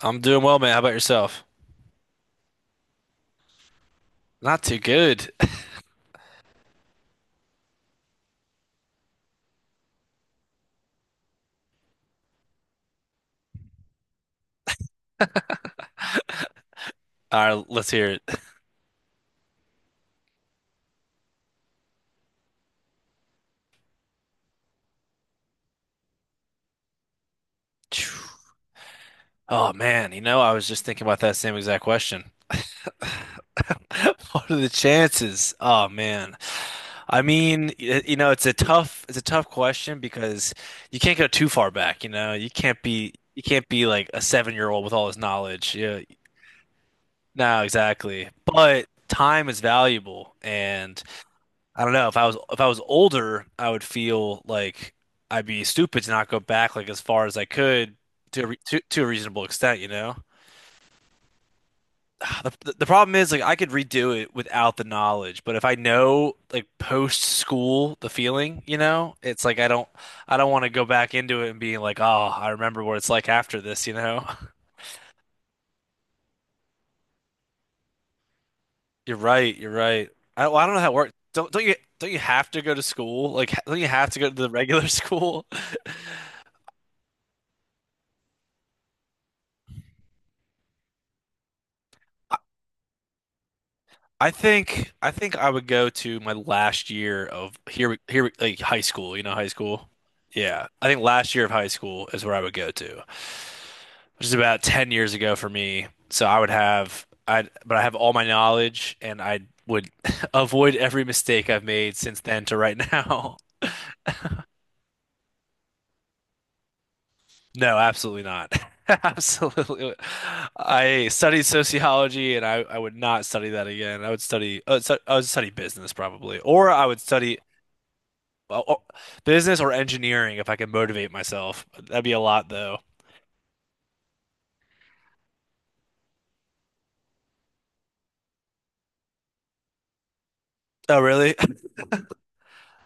I'm doing well, man. How about yourself? Not too good. All right, let's hear it. Oh man, you know, I was just thinking about that same exact question. What are the chances? Oh man. I mean, y- you know, it's a tough question because you can't go too far back, you know. You can't be like a seven-year-old with all his knowledge. Yeah. No, exactly. But time is valuable and I don't know. If I was older, I would feel like I'd be stupid to not go back like as far as I could to to a reasonable extent, you know? The problem is like I could redo it without the knowledge, but if I know like post school the feeling, you know, it's like I don't want to go back into it and being like, oh, I remember what it's like after this, you know? You're right, you're right. I don't know how it works. Don't you have to go to school? Like, don't you have to go to the regular school? I think I would go to my last year of like high school, you know, high school. Yeah, I think last year of high school is where I would go to, which is about 10 years ago for me. So I would have I but I have all my knowledge and I would avoid every mistake I've made since then to right now. No, absolutely not. Absolutely. I studied sociology and I would not study that again. I would study I would study business probably, or I would study well, or- business or engineering if I could motivate myself. That'd be a lot though. Oh, really?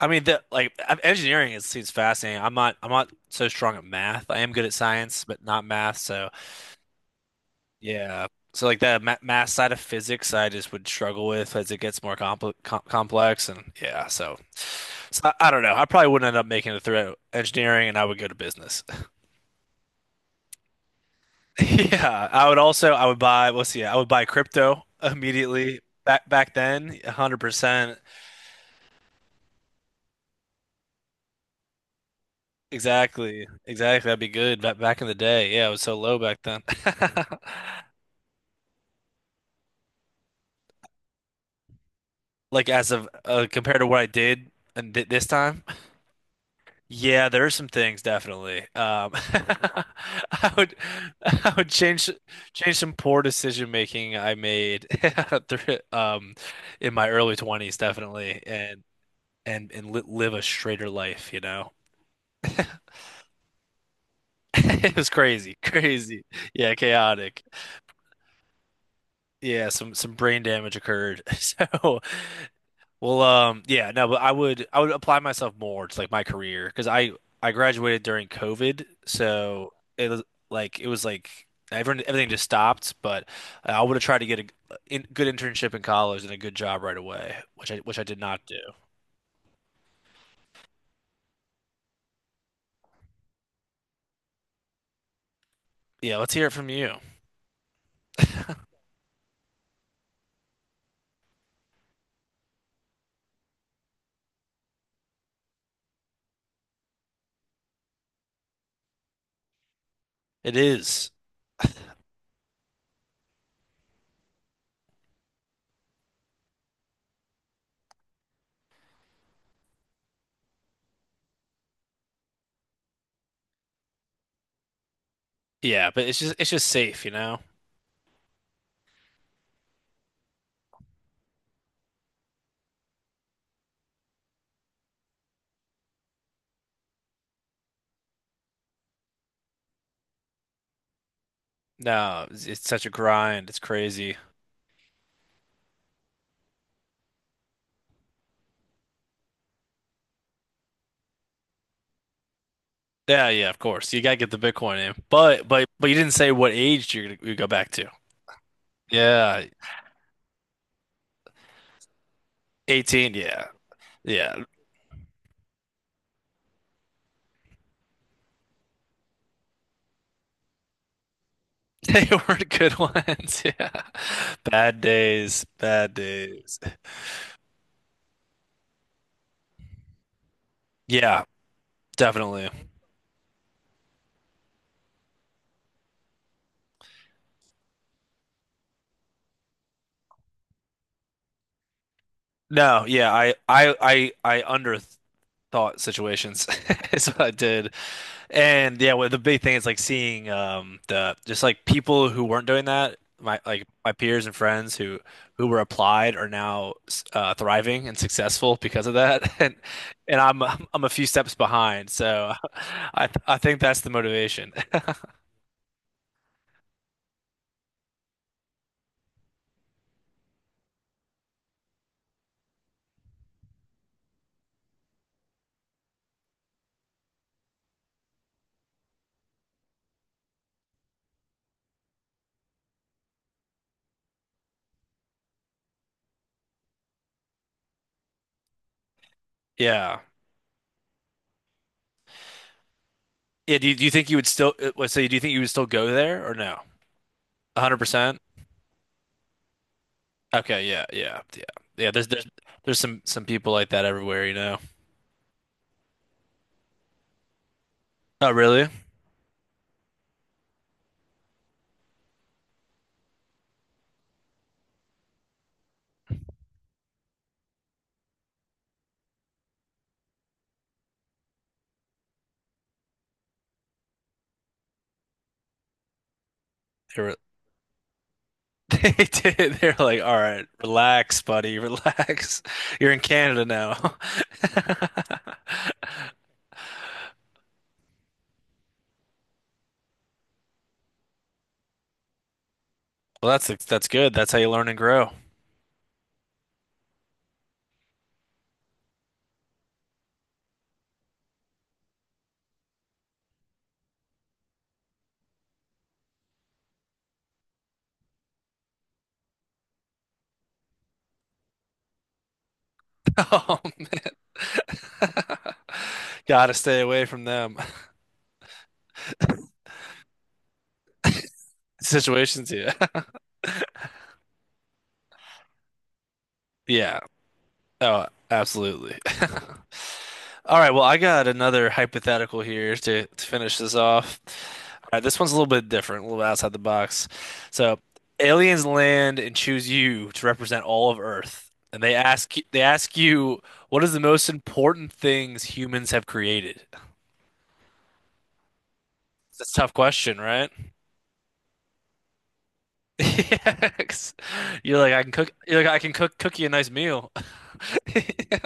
I mean, engineering is seems fascinating. I'm not so strong at math. I am good at science, but not math. So yeah. So like the ma math side of physics, I just would struggle with as it gets more complex. And yeah, so, so I don't know. I probably wouldn't end up making it through engineering, and I would go to business. Yeah, I would also I would buy. Let's see, I would buy crypto immediately. Back then, 100%. Exactly. Exactly. That'd be good. Back in the day, yeah, it was so low back then. Like as of compared to what I did and th this time, yeah, there are some things definitely. I would I would change some poor decision making I made through, um in my early 20s definitely and li live a straighter life, you know. It was crazy, crazy. Yeah, chaotic. Yeah, some brain damage occurred. So. Well, yeah, no, but I would apply myself more to like my career because I graduated during COVID, so it was like everyone everything just stopped. But I would have tried to get a good internship in college and a good job right away, which I did not do. Yeah, let's hear it from you. It is, yeah, but it's just safe, you know. No, it's such a grind. It's crazy. Yeah, yeah, of course you gotta get the Bitcoin in, but but you didn't say what age you go back to. Yeah, 18, yeah. Yeah, they weren't good ones. Yeah. Bad days, bad days. Yeah, definitely. No, yeah, I underthought situations is what I did. And yeah, well, the big thing is like seeing the just like people who weren't doing that, my like my peers and friends who were applied are now thriving and successful because of that. And I'm a few steps behind. So I think that's the motivation. Yeah. Yeah, do you think you would still let's say do you think you would still go there or no? 100%? Okay, yeah, yeah, yeah. Yeah, there's some people like that everywhere, you know. Oh, really? They were they did. They're like, "All right, relax, buddy, relax. You're in Canada now." Well, that's good. That's how you learn and grow. Um, gotta stay away from them situations. Yeah. Yeah. Oh, absolutely. All right, well, I got another hypothetical here to finish this off. All right, this one's a little bit different, a little outside the box. So, aliens land and choose you to represent all of Earth, and they they ask you what is the most important things humans have created? That's a tough question, right? Yeah, 'cause you're like I can cook. You're like I can cook you a nice meal.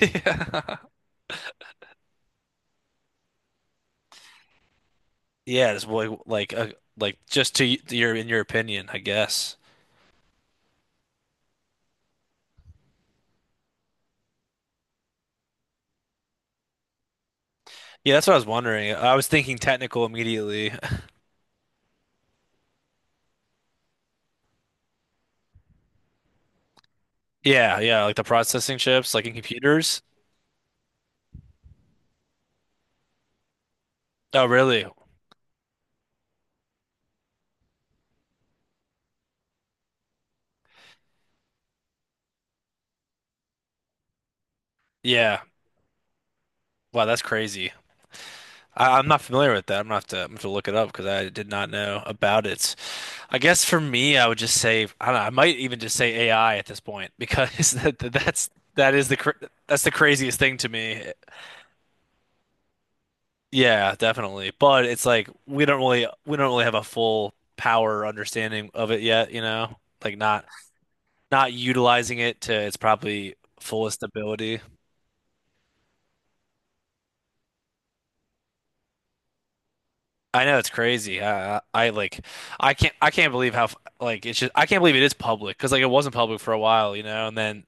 Yeah. Yeah, it's like your in your opinion, I guess. Yeah, that's what I was wondering. I was thinking technical immediately. Yeah, yeah, like the processing chips, like in computers. Oh, really? Yeah. Wow, that's crazy. I'm not familiar with that. I'm gonna have to look it up because I did not know about it. I guess for me, I would just say I don't know. I might even just say AI at this point because that is the cra- that's the craziest thing to me. Yeah, definitely. But it's like we don't really have a full power understanding of it yet, you know? Like not not utilizing it to its probably fullest ability. I know it's crazy. I can't believe like it's just I can't believe it is public because like it wasn't public for a while, you know, and then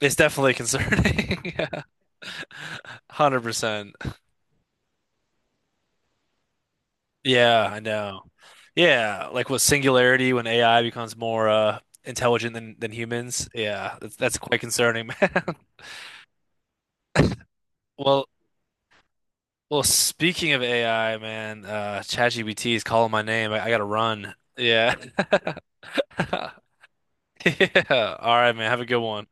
it's definitely concerning. 100%. Yeah, I know. Yeah, like with singularity when AI becomes more intelligent than humans. Yeah, that's quite concerning, man. Well, well, speaking of AI, man, ChatGPT is calling my name. I gotta run. Yeah. Yeah. All right, man. Have a good one.